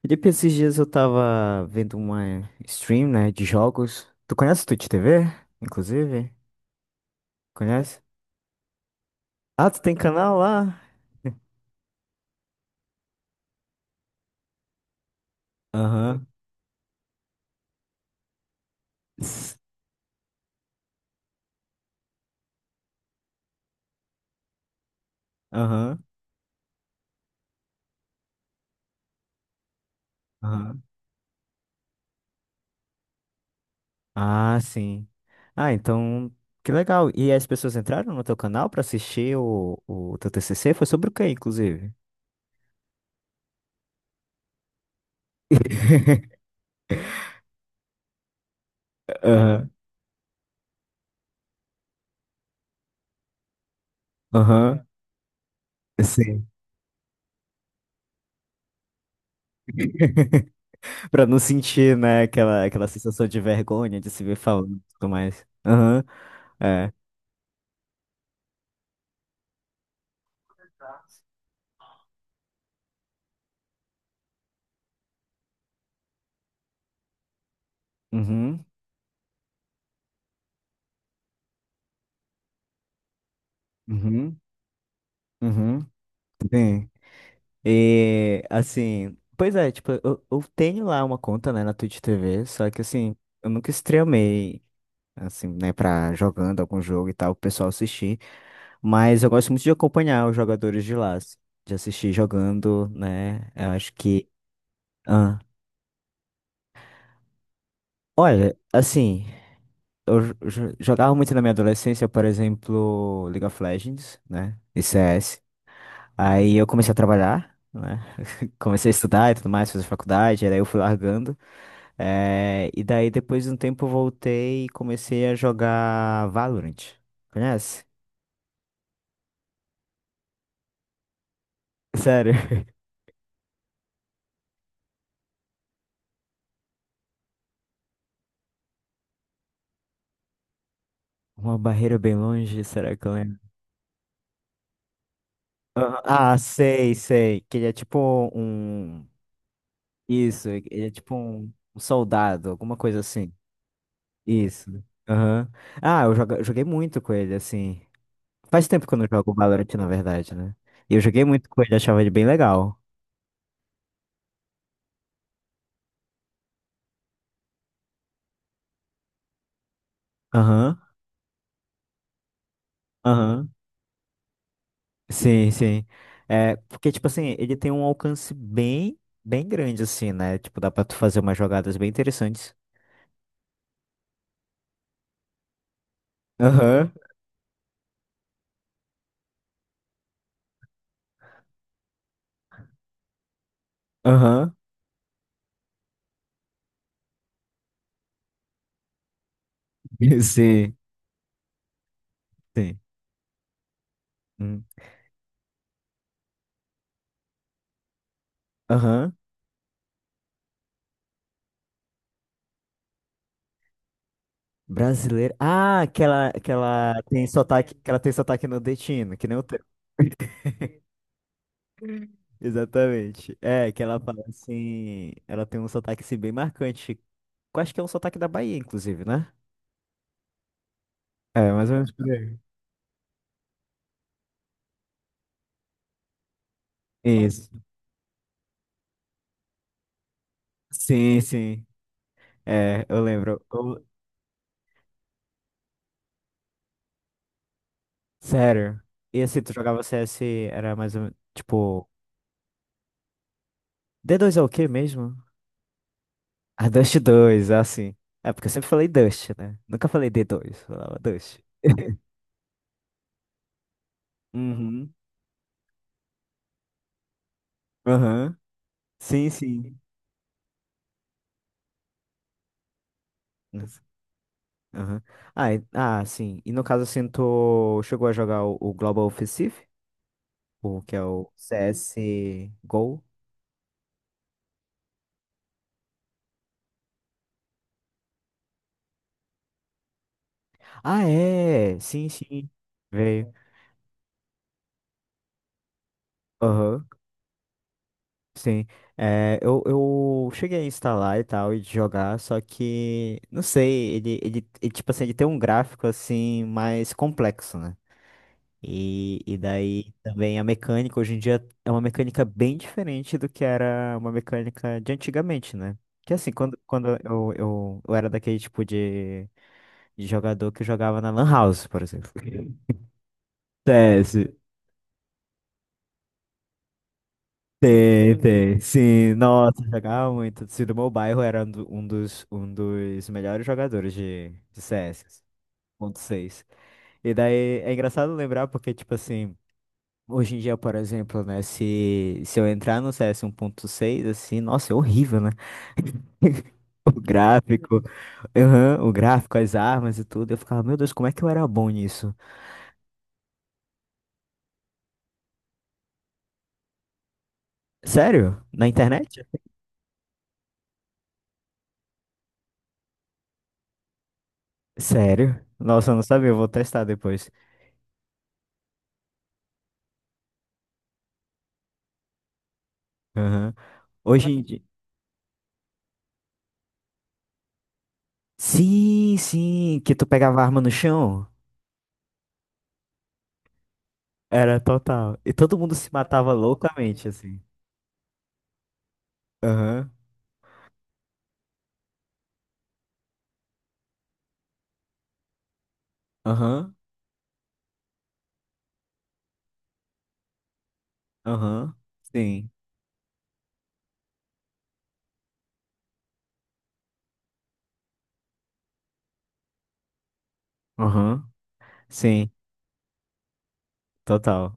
Felipe, esses dias eu tava vendo uma stream, né, de jogos. Tu conhece o Twitch TV, inclusive? Conhece? Ah, tu tem canal lá? Aham. S- Aham. Aham. Ah, sim. Ah, então, que legal. E as pessoas entraram no teu canal pra assistir o teu TCC? Foi sobre o quê, inclusive? Aham. Aham. Sim. Pra não sentir, né, aquela sensação de vergonha de se ver falando e tudo mais. Aham. É. Uhum. Uhum. Uhum, sim. E assim, pois é, tipo, eu tenho lá uma conta, né, na Twitch TV, só que assim, eu nunca streamei, assim, né, pra jogando algum jogo e tal, o pessoal assistir, mas eu gosto muito de acompanhar os jogadores de lá, assim, de assistir jogando, né, eu acho que ah, olha, assim, eu jogava muito na minha adolescência, por exemplo, League of Legends, né, e CS. Aí eu comecei a trabalhar, né. Comecei a estudar e tudo mais, fazer faculdade, aí eu fui largando. E daí, depois de um tempo, eu voltei e comecei a jogar Valorant. Conhece? Sério. Uma barreira bem longe, será que eu lembro? Aham. Ah, sei, sei. Que ele é tipo um. Isso, ele é tipo um soldado, alguma coisa assim. Isso. Aham. Ah, eu joguei muito com ele, assim. Faz tempo que eu não jogo Valorant, na verdade, né? E eu joguei muito com ele, achava ele bem legal. Aham, aham. Sim, sim. É, porque, tipo assim, ele tem um alcance bem grande, assim, né? Tipo, dá pra tu fazer umas jogadas bem interessantes. Aham, aham. Sim, sim. Hum. Aham. Brasileiro. Ah, que ela tem sotaque, que ela tem sotaque nordestino, que nem o teu. Exatamente. É, que ela fala assim. Ela tem um sotaque assim, bem marcante. Eu acho que é um sotaque da Bahia, inclusive, né? É, mais ou menos. Isso. Sim, sim. É, eu lembro. Sério. E assim, tu jogava CS, era mais ou menos, tipo, d dois é o quê mesmo? A Dust dois assim. É, porque eu sempre falei Dust, né? Nunca falei d dois, falava Dust. Uhum. Aham. Sim, sim. Nossa. Aham. Sim. E no caso, assim, tu chegou a jogar o Global Offensive? O que é o CS GO? Ah, é! Sim, sim. Veio. Aham. Sim, é, eu cheguei a instalar e tal, e de jogar, só que, não sei, tipo assim, ele tem um gráfico, assim, mais complexo, né? E daí também a mecânica, hoje em dia, é uma mecânica bem diferente do que era uma mecânica de antigamente, né? Que assim, quando eu era daquele tipo de jogador que jogava na Lan House, por exemplo. C S. Tem, tem. Sim, nossa, jogava muito. Se do meu bairro era um dos melhores jogadores de C S ponto seis. E daí é engraçado lembrar porque, tipo assim, hoje em dia, por exemplo, né, se eu entrar no C S um ponto seis, assim, nossa, é horrível, né? O gráfico, aham, o gráfico, as armas e tudo. Eu ficava, meu Deus, como é que eu era bom nisso? Sério? Na internet? Sério? Nossa, eu não sabia, eu vou testar depois. Aham. Hoje em dia. Sim, sim, que tu pegava a arma no chão. Era total. E todo mundo se matava loucamente, assim. Aham, aham, aham. Sim, aham. Sim, total.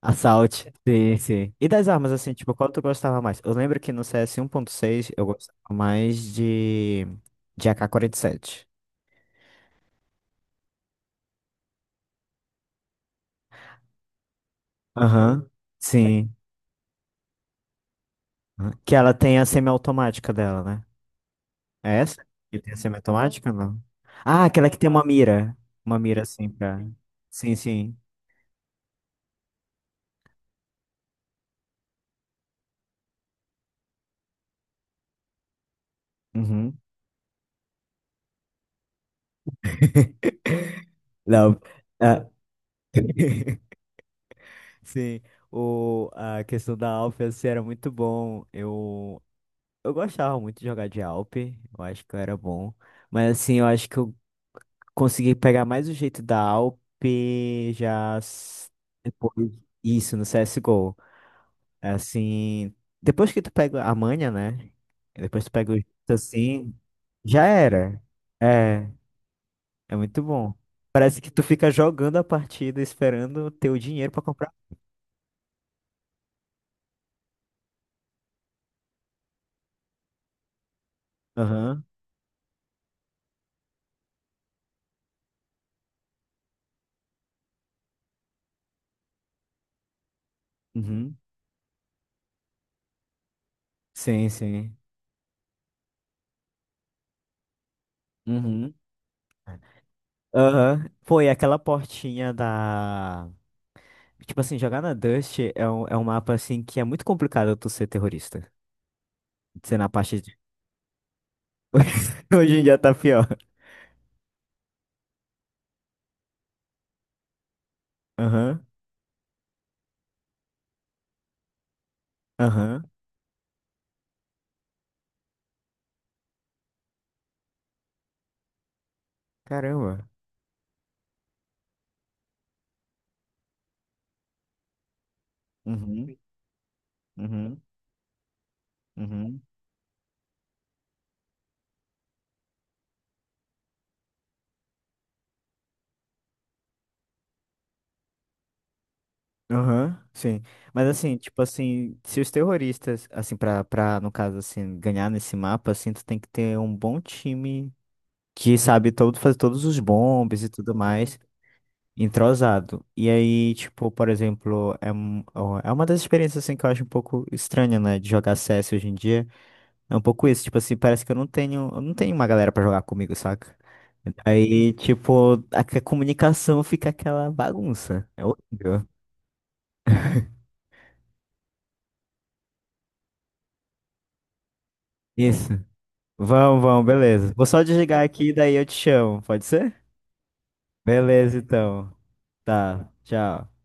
Assault. Sim, sim. E das armas, assim, tipo, qual tu gostava mais? Eu lembro que no CS 1.6 eu gostava mais de AK-47. Aham, sim. Aham. Que ela tem a semiautomática dela, né? É essa? Que tem a semiautomática, não? Ah, aquela que tem uma mira. Uma mira assim pra. Sim, sim. Uhum. Não. ah, Sim. O... A questão da Alp assim, era muito bom. Eu gostava muito de jogar de Alp. Eu acho que eu era bom. Mas assim, eu acho que eu consegui pegar mais o jeito da Alp já s- depois. Isso, no CSGO. Assim, depois que tu pega a manha, né? Depois tu pega o jeito assim, já era. É, é muito bom. Parece que tu fica jogando a partida esperando ter o dinheiro pra comprar. Aham. Uhum. Sim, sim. Uhum. Aham. Pô, e aquela portinha da. Tipo assim, jogar na Dust é um mapa assim que é muito complicado tu ser terrorista. Ser na parte de. Hoje em dia tá pior. Aham. Aham. Caramba. Uhum. Uhum. Uhum. Aham, sim. Mas assim, tipo assim, se os terroristas, assim, no caso, assim, ganhar nesse mapa, assim, tu tem que ter um bom time que sabe todo, fazer todos os bombes e tudo mais, entrosado. E aí, tipo, por exemplo, é, ó, é uma das experiências, assim, que eu acho um pouco estranha, né, de jogar CS hoje em dia. É um pouco isso, tipo assim, parece que eu não tenho uma galera pra jogar comigo, saca? Aí, tipo, a comunicação fica aquela bagunça. É horrível. Isso. Vamos, vamos, beleza. Vou só desligar aqui, daí eu te chamo, pode ser? Beleza, então. Tá, tchau.